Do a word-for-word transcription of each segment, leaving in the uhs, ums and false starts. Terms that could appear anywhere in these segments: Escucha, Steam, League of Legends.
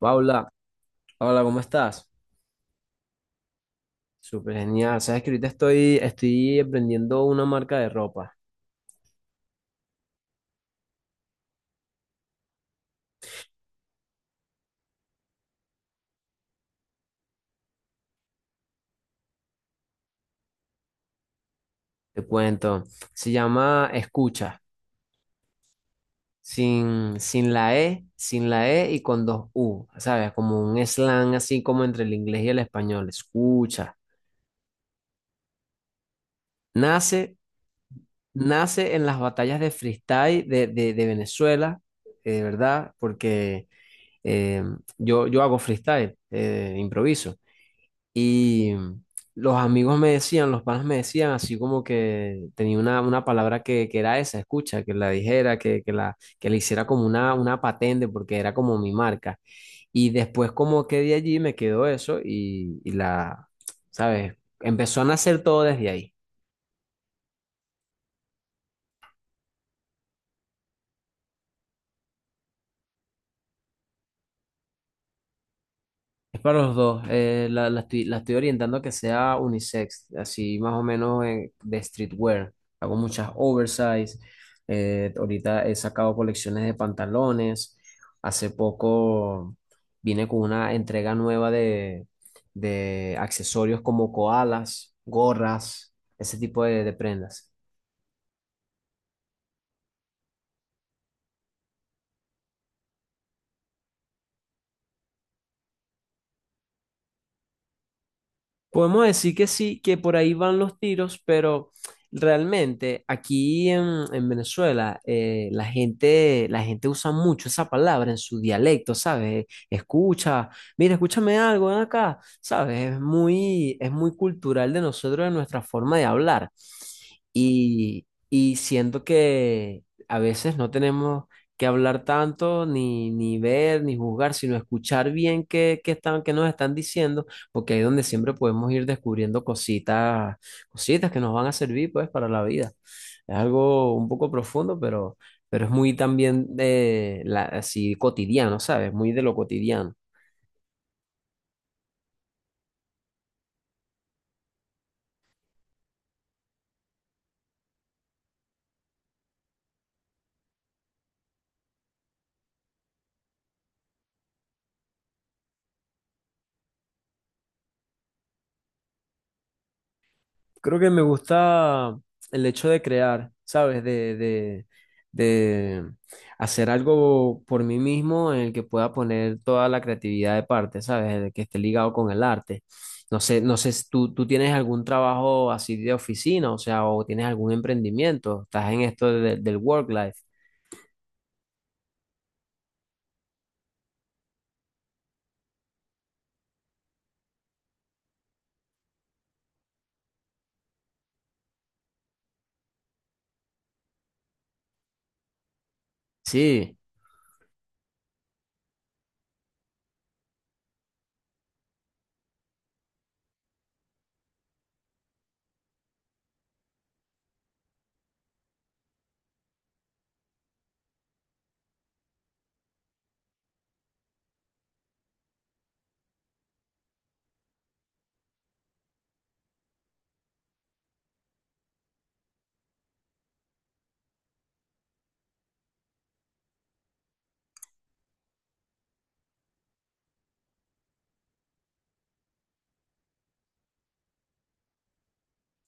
Paula, hola, ¿cómo estás? Súper genial. Sabes que ahorita estoy, estoy aprendiendo una marca de ropa. Te cuento. Se llama Escucha. Sin, sin la E, sin la E y con dos U. ¿Sabes? Como un slang así como entre el inglés y el español. Escucha. Nace, Nace en las batallas de freestyle de, de, de Venezuela, eh, ¿verdad? Porque eh, yo, yo hago freestyle, eh, improviso. Y los amigos me decían, los panas me decían, así como que tenía una, una palabra que, que era esa, escucha, que la dijera, que, que la, que le hiciera como una, una patente, porque era como mi marca. Y después como que de allí me quedó eso y, y la, ¿sabes? Empezó a nacer todo desde ahí. Es para los dos. eh, la, la estoy, la estoy orientando a que sea unisex, así más o menos eh, de streetwear. Hago muchas oversize. Eh, ahorita he sacado colecciones de pantalones. Hace poco vine con una entrega nueva de, de accesorios como koalas, gorras, ese tipo de, de prendas. Podemos decir que sí, que por ahí van los tiros, pero realmente aquí en, en Venezuela, eh, la gente, la gente usa mucho esa palabra en su dialecto, ¿sabes? Escucha, mira, escúchame algo, ven acá, ¿sabes? Es muy, es muy cultural de nosotros, de nuestra forma de hablar. Y, y siento que a veces no tenemos que hablar tanto, ni, ni ver, ni juzgar, sino escuchar bien qué, qué están, qué nos están diciendo, porque ahí es donde siempre podemos ir descubriendo cositas, cositas que nos van a servir pues para la vida. Es algo un poco profundo, pero, pero es muy también de la, así cotidiano, ¿sabes? Muy de lo cotidiano. Creo que me gusta el hecho de crear, ¿sabes? De, de, de hacer algo por mí mismo en el que pueda poner toda la creatividad de parte, ¿sabes? De que esté ligado con el arte. No sé, no sé si tú, tú tienes algún trabajo así de oficina, o sea, o tienes algún emprendimiento, estás en esto de- del work life. Sí,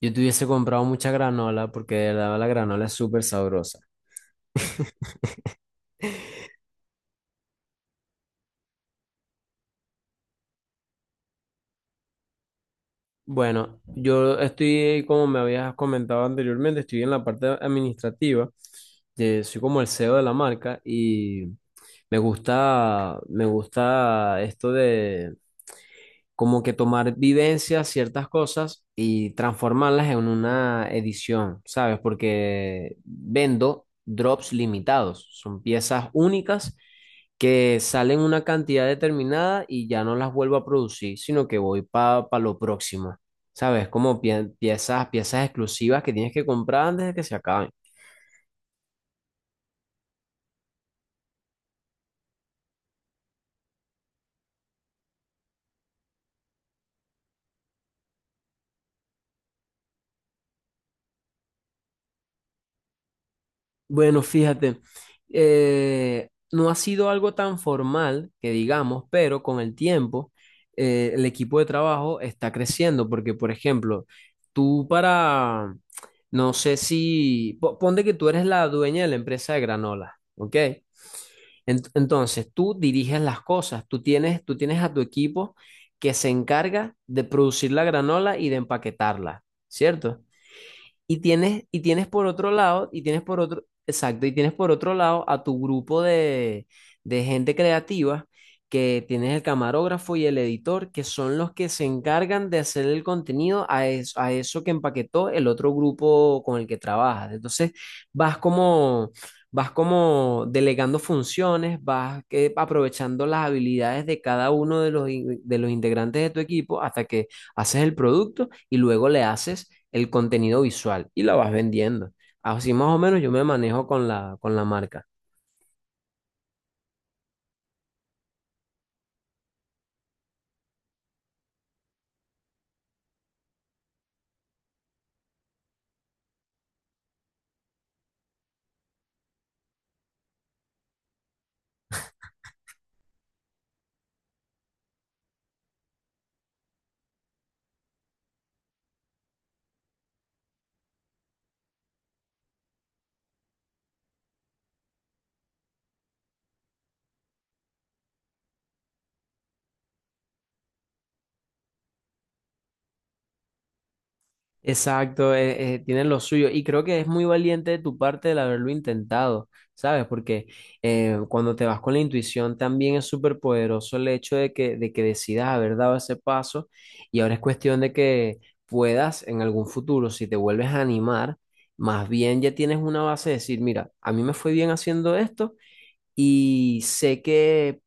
yo te hubiese comprado mucha granola porque la, la granola es súper sabrosa. Bueno, yo estoy, como me habías comentado anteriormente, estoy en la parte administrativa, eh, soy como el C E O de la marca y me gusta, me gusta esto como que tomar vivencias, ciertas cosas y transformarlas en una edición, ¿sabes? Porque vendo drops limitados, son piezas únicas que salen una cantidad determinada y ya no las vuelvo a producir, sino que voy para lo próximo, ¿sabes? Como pie- piezas, piezas exclusivas que tienes que comprar antes de que se acaben. Bueno, fíjate, eh, no ha sido algo tan formal que digamos, pero con el tiempo eh, el equipo de trabajo está creciendo porque, por ejemplo, tú para, no sé si, po- ponte que tú eres la dueña de la empresa de granola, ¿ok? Ent- entonces, tú diriges las cosas, tú tienes, tú tienes a tu equipo que se encarga de producir la granola y de empaquetarla, ¿cierto? Y tienes, y tienes por otro lado, y tienes por otro, exacto, Y tienes por otro lado a tu grupo de, de gente creativa, que tienes el camarógrafo y el editor, que son los que se encargan de hacer el contenido a, es- a eso que empaquetó el otro grupo con el que trabajas. Entonces, vas como, vas como delegando funciones, vas eh, aprovechando las habilidades de cada uno de los, in- de los integrantes de tu equipo hasta que haces el producto y luego le haces el contenido visual y lo vas vendiendo. Así más o menos yo me manejo con la, con la marca. Exacto, eh, eh, tienen lo suyo y creo que es muy valiente de tu parte el haberlo intentado, ¿sabes? Porque eh, cuando te vas con la intuición también es súper poderoso el hecho de que, de que decidas haber dado ese paso y ahora es cuestión de que puedas en algún futuro, si te vuelves a animar, más bien ya tienes una base de decir, mira, a mí me fue bien haciendo esto y sé que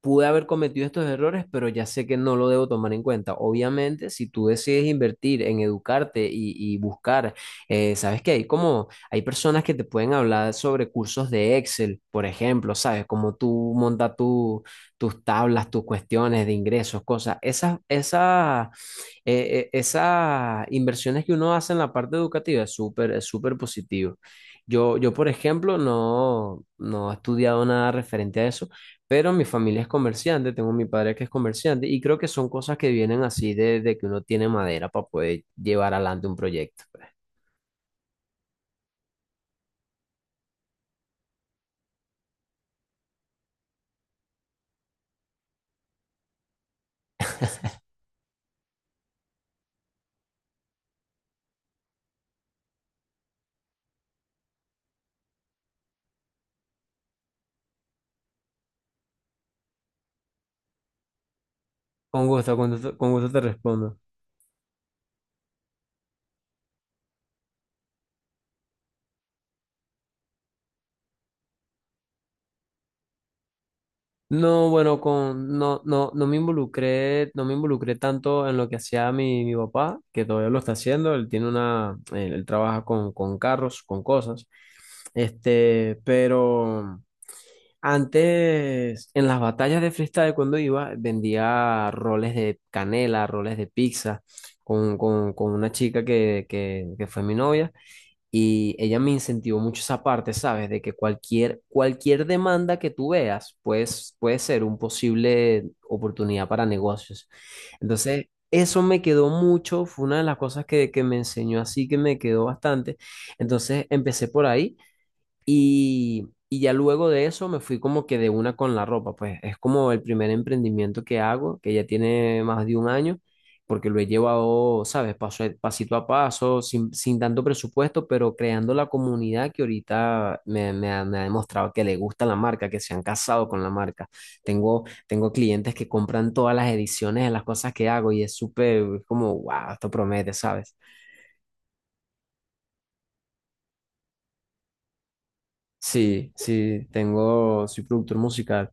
pude haber cometido estos errores, pero ya sé que no lo debo tomar en cuenta. Obviamente, si tú decides invertir en educarte y, y buscar, eh, sabes que hay como, hay personas que te pueden hablar sobre cursos de Excel, por ejemplo, sabes, como tú montas tu, tus tablas, tus cuestiones de ingresos, cosas. Esas, esas eh, eh, esas inversiones que uno hace en la parte educativa es súper, es súper positivo. Yo, yo, por ejemplo, no, no he estudiado nada referente a eso, pero mi familia es comerciante, tengo mi padre que es comerciante y creo que son cosas que vienen así de, de que uno tiene madera para poder llevar adelante un proyecto, pues. Con gusto, con gusto, con gusto te respondo. No, bueno, con, no, no, no me involucré, no me involucré tanto en lo que hacía mi, mi papá, que todavía lo está haciendo, él tiene una, él, él trabaja con, con carros, con cosas, este, pero antes, en las batallas de freestyle cuando iba, vendía roles de canela, roles de pizza, con, con, con una chica que, que, que fue mi novia, y ella me incentivó mucho esa parte, ¿sabes? De que cualquier, cualquier demanda que tú veas, pues, puede ser un posible oportunidad para negocios. Entonces, eso me quedó mucho, fue una de las cosas que, que me enseñó así, que me quedó bastante. Entonces, empecé por ahí. Y, y ya luego de eso me fui como que de una con la ropa, pues es como el primer emprendimiento que hago, que ya tiene más de un año, porque lo he llevado, ¿sabes? Paso, a- pasito a paso, sin, sin tanto presupuesto, pero creando la comunidad que ahorita me, me ha, me ha demostrado que le gusta la marca, que se han casado con la marca. Tengo, tengo clientes que compran todas las ediciones de las cosas que hago y es súper como, wow, esto promete, ¿sabes? Sí, sí, tengo, soy productor musical.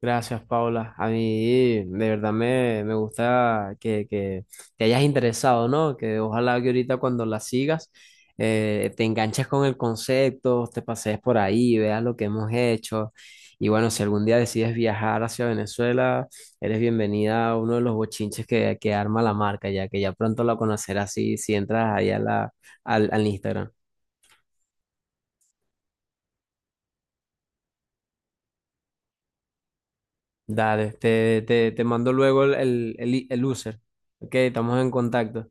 Gracias, Paula. A mí de verdad me, me gusta que, que te hayas interesado, ¿no? Que ojalá que ahorita cuando la sigas, eh, te enganches con el concepto, te pasees por ahí, veas lo que hemos hecho. Y bueno, si algún día decides viajar hacia Venezuela, eres bienvenida a uno de los bochinches que, que arma la marca, ya que ya pronto la conocerás si, si entras ahí a la, al, al Instagram. Dale, te, te, te mando luego el, el, el, el user. Ok, estamos en contacto.